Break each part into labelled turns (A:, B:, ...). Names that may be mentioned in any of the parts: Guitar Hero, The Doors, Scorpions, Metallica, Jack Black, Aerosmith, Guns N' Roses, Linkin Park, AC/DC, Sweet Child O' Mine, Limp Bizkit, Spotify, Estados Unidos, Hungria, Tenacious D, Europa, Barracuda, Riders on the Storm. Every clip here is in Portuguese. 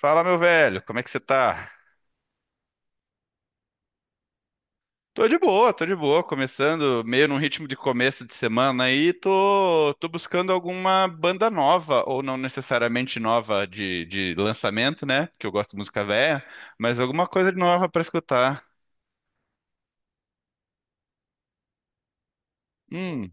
A: Fala, meu velho, como é que você tá? Tô de boa, começando meio num ritmo de começo de semana aí, tô buscando alguma banda nova, ou não necessariamente nova de lançamento, né? Porque eu gosto de música velha, mas alguma coisa de nova pra escutar. Hum,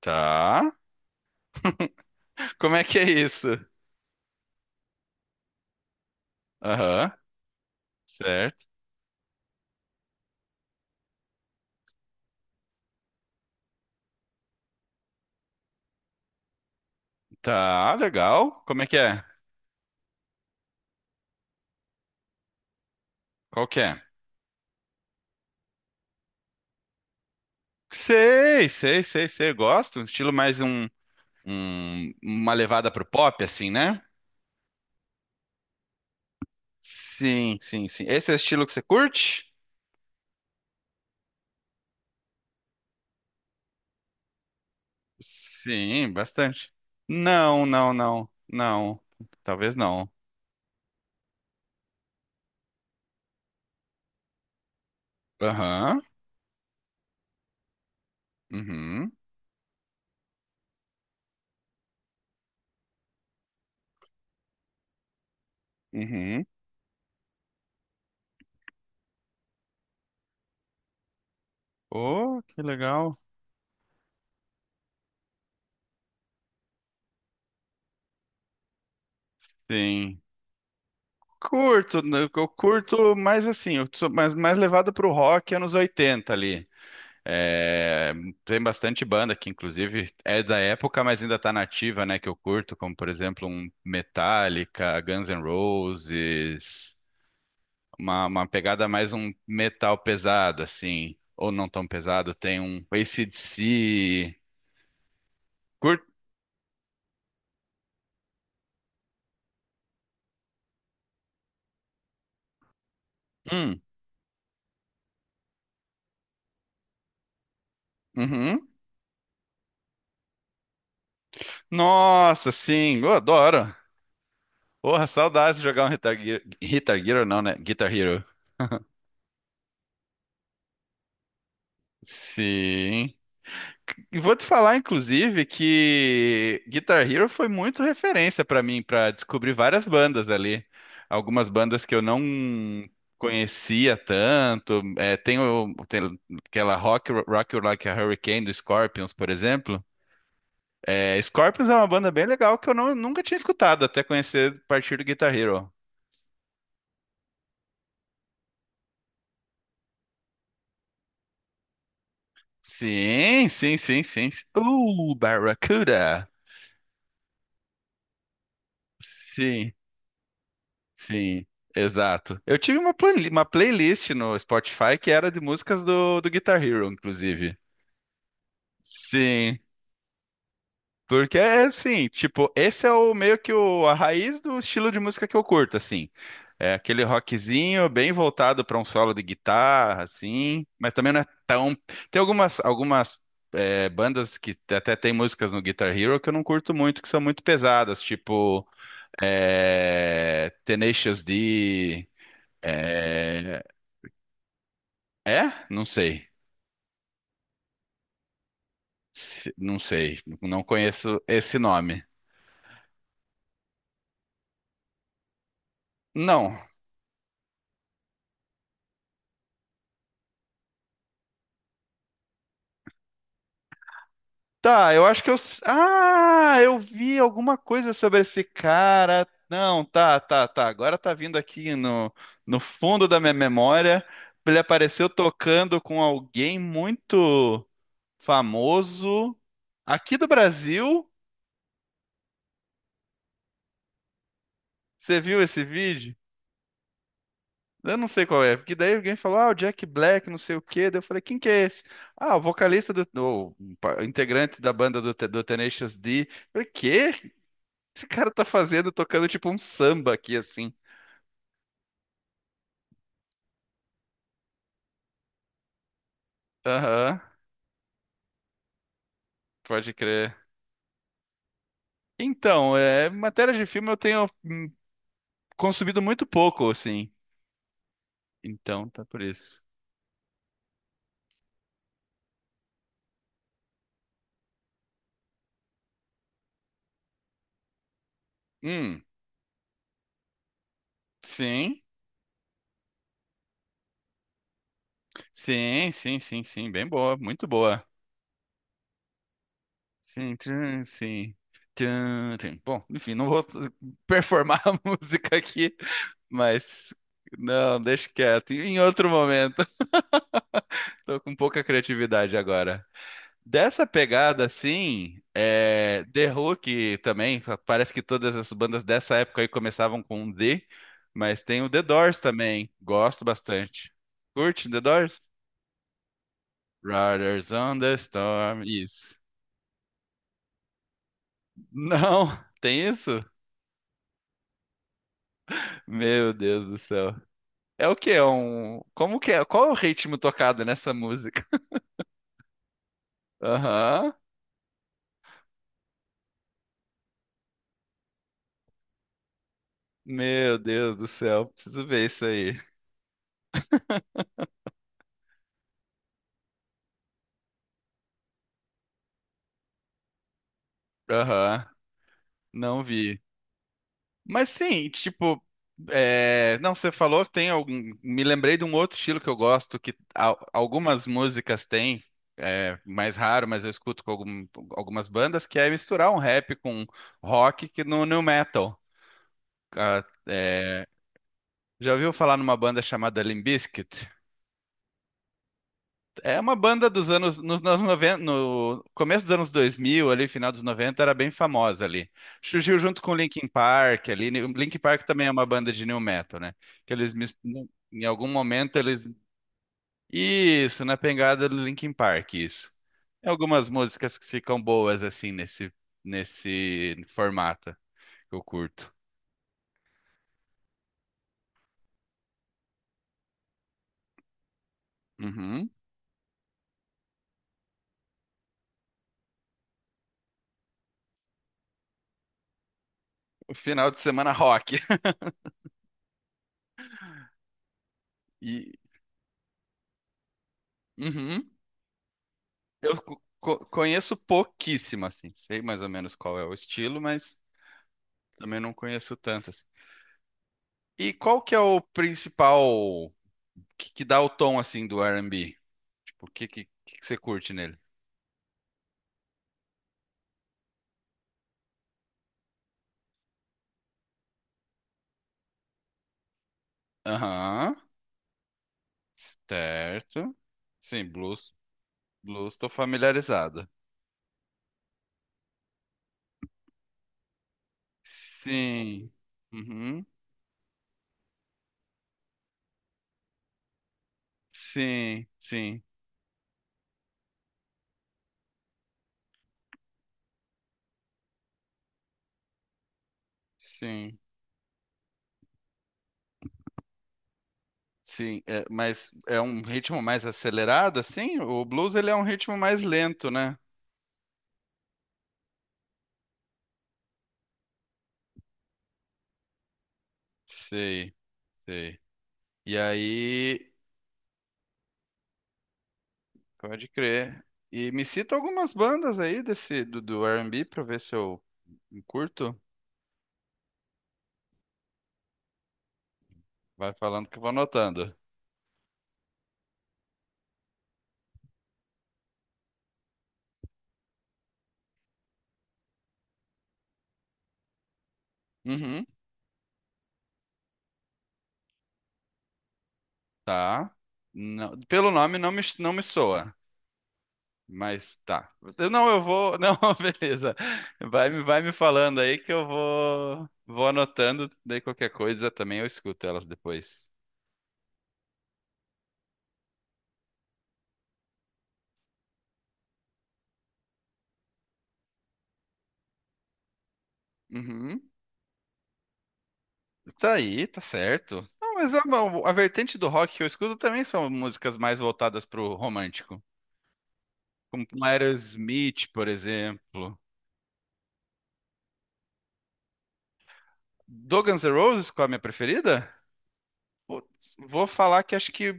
A: tá. Como é que é isso? Aham, certo. Tá, legal. Como é que é? Qual que é? Sei, sei, sei, sei, gosto. Estilo mais um, um- Uma levada pro pop, assim, né? Sim, sim, sim. Esse é o estilo que você curte? Sim, bastante. Não, não, não, não. Talvez não. Aham. Uhum. Uhum. Oh, que legal. Sim. Curto, né, eu curto mais assim, eu sou mais, mais levado pro rock anos 80 ali. É, tem bastante banda que, inclusive, é da época, mas ainda tá nativa, né? Que eu curto, como por exemplo, um Metallica, Guns N' Roses. Uma pegada mais um metal pesado, assim, ou não tão pesado, tem um AC/DC. Curto. Hum, uhum. Nossa, sim, eu adoro. Porra, saudades de jogar um Guitar Hero. Guitar Hero não, né? Guitar Hero. Sim. E vou te falar, inclusive, que Guitar Hero foi muito referência para mim, para descobrir várias bandas ali. Algumas bandas que eu não conhecia tanto. É, tem, tem aquela Rock You Like a Hurricane do Scorpions, por exemplo. É, Scorpions é uma banda bem legal que eu nunca tinha escutado até conhecer a partir do Guitar Hero. Sim, sim, sim, sim, sim. Barracuda! Sim. Sim, exato. Eu tive uma playlist no Spotify que era de músicas do Guitar Hero, inclusive. Sim, porque é assim, tipo, esse é o meio que a raiz do estilo de música que eu curto, assim. É aquele rockzinho bem voltado para um solo de guitarra, assim, mas também não é tão. Tem algumas bandas que até tem músicas no Guitar Hero que eu não curto muito, que são muito pesadas, tipo é, Tenacious D. É. É? Não sei. Não sei. Não conheço esse nome. Não. Tá, eu acho que eu. S- Ah, eu vi alguma coisa sobre esse cara. Não, tá, tá, tá. Agora tá vindo aqui no fundo da minha memória. Ele apareceu tocando com alguém muito famoso aqui do Brasil. Você viu esse vídeo? Eu não sei qual é, porque daí alguém falou, ah, o Jack Black, não sei o quê. Daí eu falei, quem que é esse? Ah, o vocalista do, integrante da banda do do Tenacious D. Eu falei, quê? O que esse cara tá fazendo, tocando tipo um samba aqui, assim. Aham, pode crer. Então, é, matéria de filme eu tenho consumido muito pouco, assim. Então, tá por isso. Hum, sim, sim, sim, sim, sim, bem boa, muito boa. Sim. Tchan, tchan. Bom, enfim, não vou performar a música aqui, mas não, deixa quieto. Em outro momento, tô com pouca criatividade agora. Dessa pegada, assim, é, The Hook também, parece que todas as bandas dessa época aí começavam com um D, mas tem o The Doors também, gosto bastante. Curte The Doors? Riders on the Storm, isso. Não, tem isso? Meu Deus do céu. É o quê? É um... Como que é? Qual é o ritmo tocado nessa música? Aham. Meu Deus do céu, preciso ver isso aí. Aham. Não vi. Mas sim, tipo, é, não, você falou que tem algum. Me lembrei de um outro estilo que eu gosto, que algumas músicas têm, é mais raro, mas eu escuto com algumas bandas, que é misturar um rap com rock que no new metal. Ah, é. Já ouviu falar numa banda chamada Limp Bizkit? É uma banda nos anos 90, no começo dos anos 2000, ali, final dos 90, era bem famosa ali. Surgiu junto com Linkin Park ali. Linkin Park também é uma banda de new metal, né? Que eles mis- né, em algum momento eles isso, na pegada do Linkin Park, isso. Tem algumas músicas que ficam boas assim nesse nesse formato que eu curto. Uhum. O final de semana rock. E uhum. Eu conheço pouquíssimo, assim. Sei mais ou menos qual é o estilo, mas também não conheço tanto, assim. E qual que é o principal que dá o tom, assim, do R&B? Tipo, o que você curte nele? Aham, certo. Sim, blues. Blues, tô familiarizado. Sim. Uhum. Sim, sim, sim. Sim, é, mas é um ritmo mais acelerado, assim? O blues, ele é um ritmo mais lento, né? Sei, sei. E aí, pode crer. E me cita algumas bandas aí desse do R&B pra eu ver se eu curto. Vai falando que eu vou anotando. Uhum, tá. Pelo nome não me, não me soa, mas tá. Não, eu vou. Não, beleza. Vai, vai me falando aí que eu vou, vou anotando. Daí qualquer coisa também eu escuto elas depois. Uhum. Tá aí, tá certo. Não, mas a vertente do rock que eu escuto também são músicas mais voltadas pro romântico. Como Aerosmith, por exemplo. Do Guns N' Roses, qual é a minha preferida? Putz, vou falar que acho que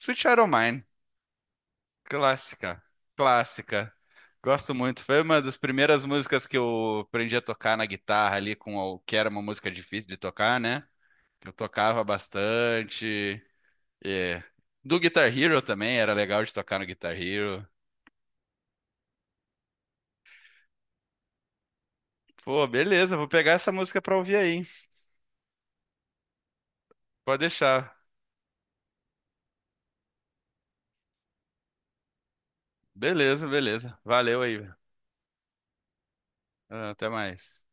A: Sweet Child O' Mine. Clássica. Clássica. Gosto muito. Foi uma das primeiras músicas que eu aprendi a tocar na guitarra ali, com o que era uma música difícil de tocar, né? Eu tocava bastante. É. Do Guitar Hero também, era legal de tocar no Guitar Hero. Pô, beleza, vou pegar essa música pra ouvir aí. Pode deixar. Beleza, beleza. Valeu aí, velho. Ah, até mais.